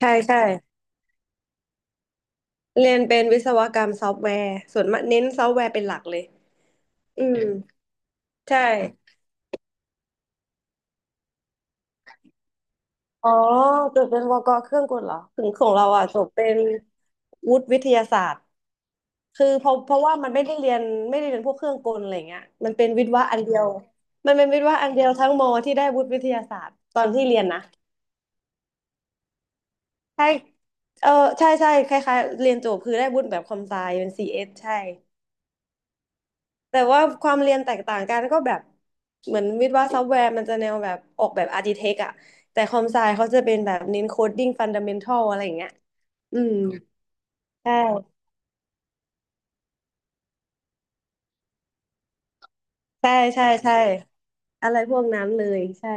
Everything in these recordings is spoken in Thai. ใช่ใช่เรียนเป็นวิศวกรรมซอฟต์แวร์ส่วนมากเน้นซอฟต์แวร์เป็นหลักเลยอืมใช่อ๋อจบเป็นวกเครื่องกลเหรอถึงของเราอ่ะจบเป็นวุฒิวิทยาศาสตร์คือเพราะว่ามันไม่ได้เรียนพวกเครื่องกลอะไรเงี้ยมันเป็นวิทย์วะอันเดียวมันเป็นวิทย์วะอันเดียวทั้งมอที่ได้วุฒิวิทยาศาสตร์ตอนที่เรียนนะใช่เออใช่ใช่คล้ายๆเรียนจบคือได้วุฒิแบบคอมไซเป็นซีเอสใช่ แต่ว่าความเรียนแตกต่างกันก็แบบเหมือนวิศวะซอฟต์แวร์มันจะแนวแบบออกแบบอาร์ติเทคอะแต่คอมไซเขาจะเป็นแบบเน้นโคดดิ้งฟันดั เมนทัลอะไรอย่างเงี้ยอืมใช่ใช่ใช่อะไรพวกนั้นเลยใช่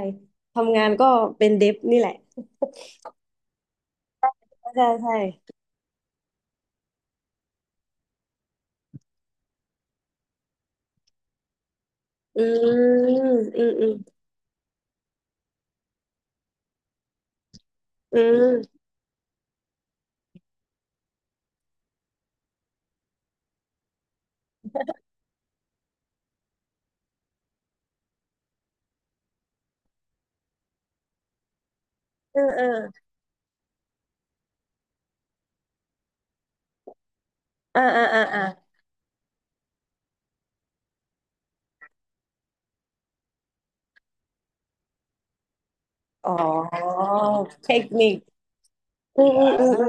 ทำงานก็เป็นเดฟนี่แหละใช่ใช่อืมอืมอืมอืมเออเอออ่าอ่าอ่าอ่าอ๋อเทคนิคอืมอืมอืมอื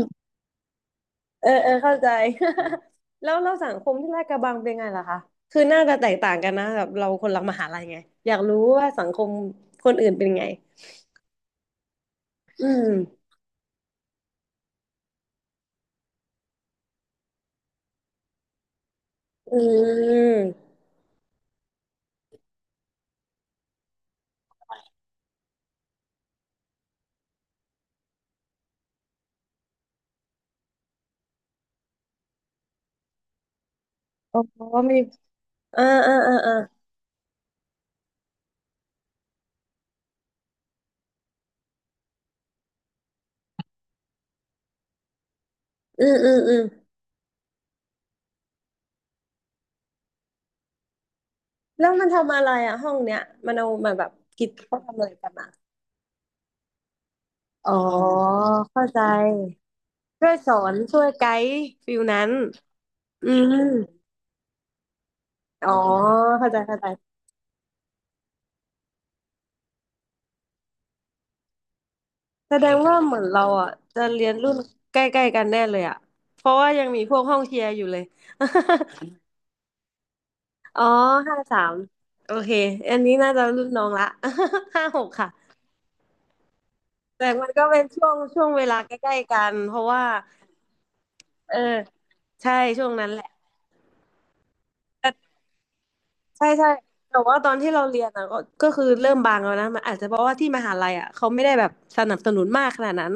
ม เออเออเข้าใจ แล้วเราสังคมที่ลาดกระบังเป็นไงล่ะคะคือน่าจะแตกต่างกันนะแบบเราคนละมหาลัยไงอยากรู้ว่าสังคมคนอื่นเป็นไงอืมอืมอ๋อมีอ่าอ่าอ่าอ่าอืมอืมอืมแล้วมันทำอะไรอะห้องเนี้ยมันเอามาแบบกิจเขาทำอะไรกันอะอ๋อเข้าใจช่วยสอน ช่วยไกด์ฟิลนั้นอืมอ๋อเข้าใจเข้าใจ แสดงว่าเหมือนเราอ่ะจะเรียนรุ่นใกล้ๆกันแน่เลยอ่ะเพราะว่ายังมีพวกห้องเชียร์อยู่เลย อ๋อห้าสามโอเค อันนี้น่าจะรุ่นน้องละ ห้าหกค่ะ แต่มันก็เป็นช่วงเวลาใกล้ๆกันเพราะว่าเออใช่ช่วงนั้นแหละแต่ใช่ใช่แต่ว่าตอนที่เราเรียนอ่ะก็คือเริ่มบางแล้วนะมันอาจจะเพราะว่าที่มหาลัยอ่ะเขาไม่ได้แบบสนับสนุนมากขนาดนั้น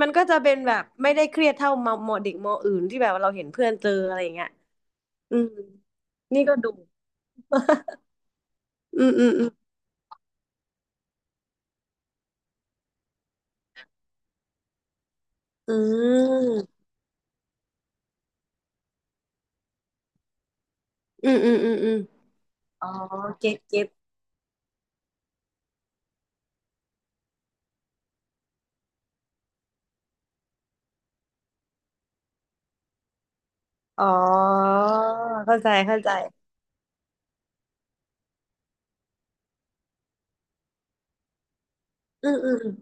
มันก็จะเป็นแบบไม่ได้เครียดเท่ามมเด็กมอื่นที่แบบเราเห็นเพื่อนเจออะไรอย่างเงี้ย อืมนี่ก็ดู อืมอืมอืมอืมอืมอืมอืมอืมอ๋อเก็ตเก็ตอ๋อเข้าใจเข้าใจอืมอืมอืม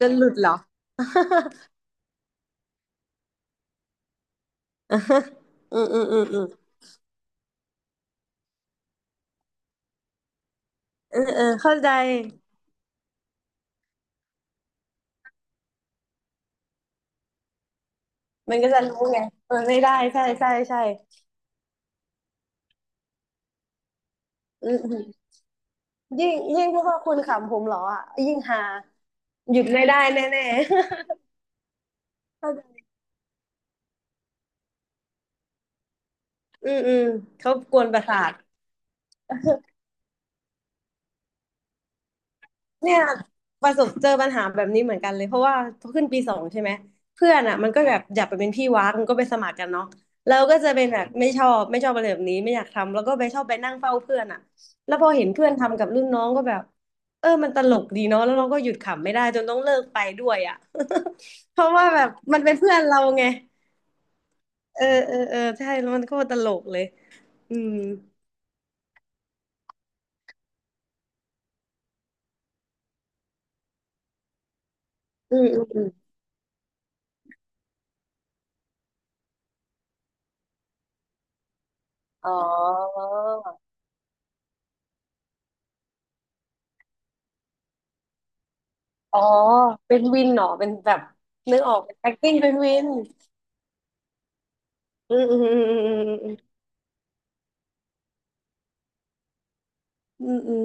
จนหลุดเหรอ อืมอืมอืมอืมเออเออเข้าใจมันก็จะรู้ไงเออไม่ได้ใช่ใช่ใช่อืมอืมยิ่งยิ่งเพราะว่าคุณขำผมเหรออ่ะยิ่งหาหยุดไม่ได้แน่ๆ เข้าใจอืมอืมเขากวนประสาท เนี่ยประสบเจอปัญหาแบบนี้เหมือนกันเลยเพราะว่าพอขึ้นปีสองใช่ไหมเพื่อนอ่ะมันก็แบบอยากไปเป็นพี่วักมันก็ไปสมัครกันเนาะเราก็จะเป็นแบบไม่ชอบอะไรแบบนี้ไม่อยากทำแล้วก็ไปชอบไปนั่งเฝ้าเพื่อนอ่ะแล้วพอเห็นเพื่อนทำกับรุ่นน้องก็แบบเออมันตลกดีเนาะแล้วเราก็หยุดขำไม่ได้จนต้องเลิกไปด้วยอ่ะ เพราะว่าแบบมันเป็นเพื่อนเราไงเออเออเออใช่แล้วมันก็ตลกเลยอืมอืมอืมอมอ๋อ อ๋อเป็นวินเหรอเป็นแบบนึกออกเป็น acting เป็นวินอืมอืมอืมอืม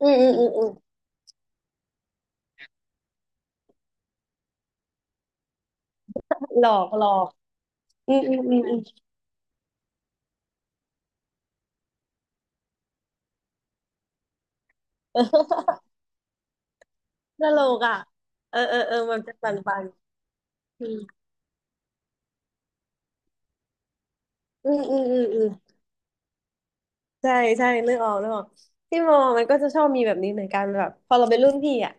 อืมหลอก หลอกอืมอืมอืมอืม ตลกอ่ะเออเออเออมันเป็นปันปันอืมอืมอืมอืม ใช่ใช่เลือกออกเลือกออกที่มอมันก็จะชอบมีแบบนี้เหมือนกันแบบพอเราเป็นรุ่นพี่อ่ะ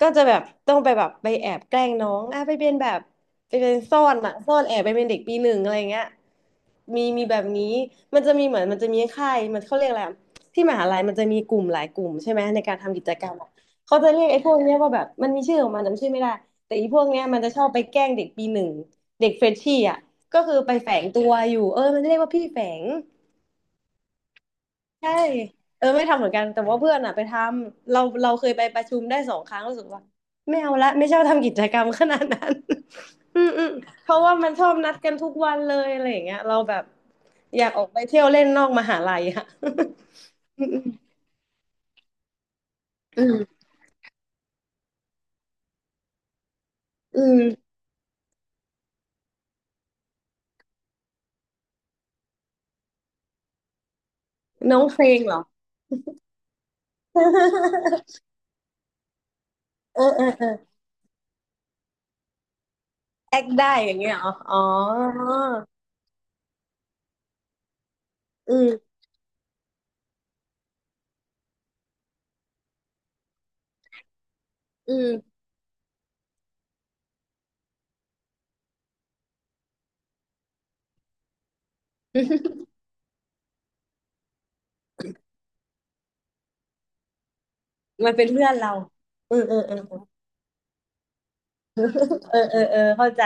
ก็จะแบบต้องไปแอบแกล้งน้องอ่ะไปเป็นแบบไปเป็นซ่อนอ่ะซ่อนแอบไปเป็นเด็กปีหนึ่งอะไรเงี้ยมีมีแบบนี้มันจะมีค่ายมันเขาเรียกอะไรอะที่มหาลัยมันจะมีกลุ่มหลายกลุ่มใช่ไหมในการทำกิจกรรมอะเขาจะเรียกไอ้พวกเนี้ยว่าแบบมันมีชื่อของมันจำชื่อไม่ได้แต่อีพวกเนี้ยมันจะชอบไปแกล้งเด็กปีหนึ่งเด็กเฟรชชี่อ่ะก็คือไปแฝงตัวอยู่เออมันเรียกว่าพี่แฝง ใช่เออไม่ทำเหมือนกันแต่ว่าเพื่อนอ่ะไปทำเราเคยไปประชุมได้สองครั้งรู้สึกว่าไม่เอาละไม่ชอบทำกิจกรรมขนาดนั้น อืมอืมเพราะว่ามันชอบนัดกันทุกวันเลยอะไรอย่างเงี้ยเราแบบอยากออกไปเที่ยวเล่นนอกมหาลัยอะ อืมอืมอืมน้องเพลงเหรอ เออเออเออแอคได้อย่างเงี้ยเหรออ๋ออืมอืมมันเป็นเพื่อนเราอืมเอออม เออเออเออเข้าใจ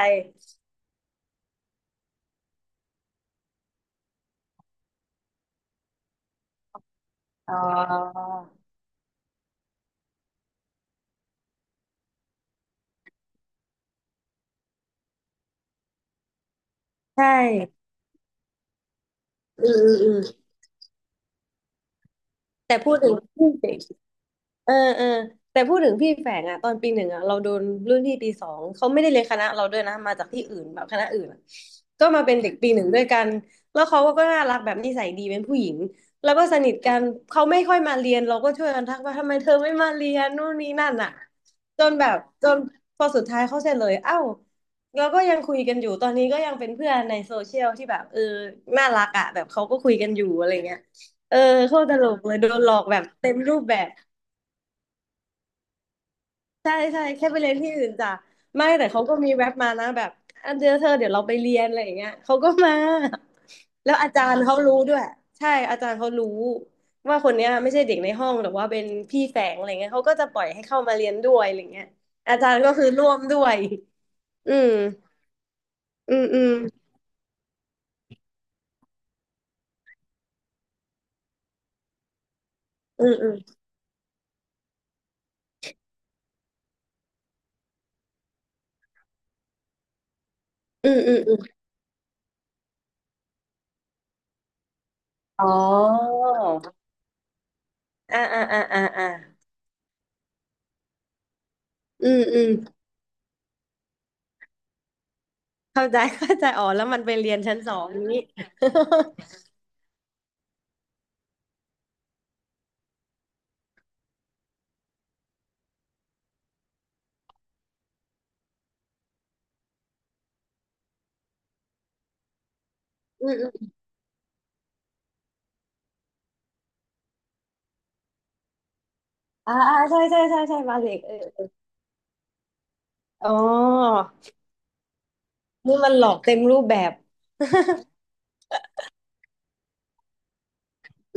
อ๋อใช่ อืมอืมอืมแต่พูดถึง เออเออแต่พูดถึงพี่แฝงอ่ะตอนปีหนึ่งอ่ะเราโดนรุ่นพี่ปีสองเขาไม่ได้เรียนคณะเราด้วยนะมาจากที่อื่นแบบคณะอื่นอะก็มาเป็นเด็กปีหนึ่งด้วยกันแล้วเขาก็น่ารักแบบนิสัยดีเป็นผู้หญิงแล้วก็สนิทกันเขาไม่ค่อยมาเรียนเราก็ช่วยกันทักว่าทำไมเธอไม่มาเรียนนู่นนี่นั่นอ่ะจนแบบจนพอสุดท้ายเขาเสร็จเลยเอ้าเราก็ยังคุยกันอยู่ตอนนี้ก็ยังเป็นเพื่อนในโซเชียลที่แบบเออน่ารักอ่ะแบบเขาก็คุยกันอยู่อะไรเงี้ยเออโคตรตลกเลยโดนหลอกแบบเต็มรูปแบบ ใช่ใช่แค่ไปเรียนที่อื่นจ้ะไม่แต่เขาก็มีแว็บมานะแบบอันเดียวเธอเดี๋ยวเราไปเรียนอะไรอย่างเงี้ยเขาก็มาแล้วอาจารย์เขารู้ด้วยใช่อาจารย์เขารู้ว่าคนเนี้ยไม่ใช่เด็กในห้องหรือว่าเป็นพี่แฝงอะไรเงี้ยเขาก็จะปล่อยให้เข้ามาเรียนด้วยอะไรเงี้ยอาจารย์ก็คือร่วมด้วยอืมอืมอืมอืมอืมอืมอืมอืมอ๋ออ่าอ่าอ่าอ่าอ่าอืมอืมเข้าใจเข้าใจอ๋อแล้วมันไปเรียนชั้นสองนี้ อืม อ่าอ่าใช่ใช่ใช่ใช่บาเหล็กเอออ๋อนี่มันหลอกเต็มรูปแบบ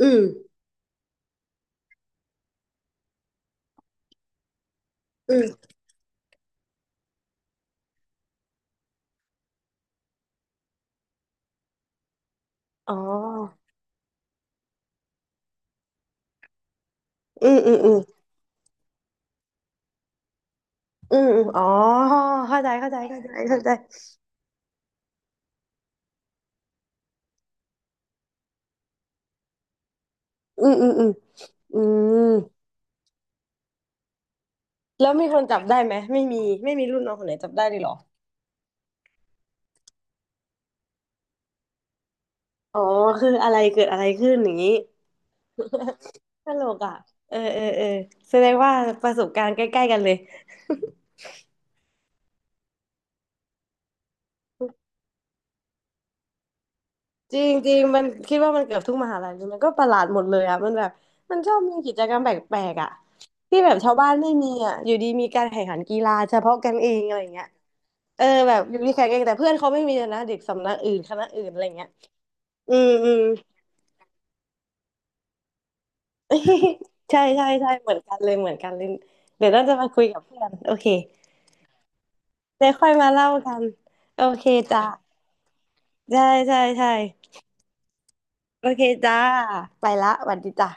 อืมอืมอ๋ออืมอืมอืมอืมอืมอ๋อเข้าใจเข้าใจเข้าใจเข้าใจอืมอืมอืมอืมแล้วมีคนจับได้ไหมไม่มีไม่มีรุ่นน้องคนไหนจับได้เลยเหรออ๋อคืออะไรเกิดอะไรขึ้นอย่างนี้ ตลกอ่ะเออเออเออแสดงว่าประสบการณ์ใกล้ๆกันเลย จริงจริงมันคิดว่ามันเกือบทุกมหาลัยเลยมันก็ประหลาดหมดเลยอ่ะมันแบบมันชอบมีกิจกรรมแปลกๆอ่ะที่แบบชาวบ้านไม่มีอ่ะอยู่ดีมีการแข่งขันกีฬาเฉพาะกันเองอะไรเงี้ยเออแบบอยู่ดีแข่งเองแต่เพื่อนเขาไม่มีเลยนะเด็กสำนักอื่นคณะอื่นอะไรเงี้ยอืมอืม ใช่ใช่ใช่เหมือนกันเลยเหมือนกันเลยเดี๋ยวต้องจะมาคุยกับเพื่อนโอเคเดี๋ยวค่อยมาเล่ากันโอเคจ้ะใช่ใช่ใช่โอเคจ้าไปละสวัสดีจ้ะ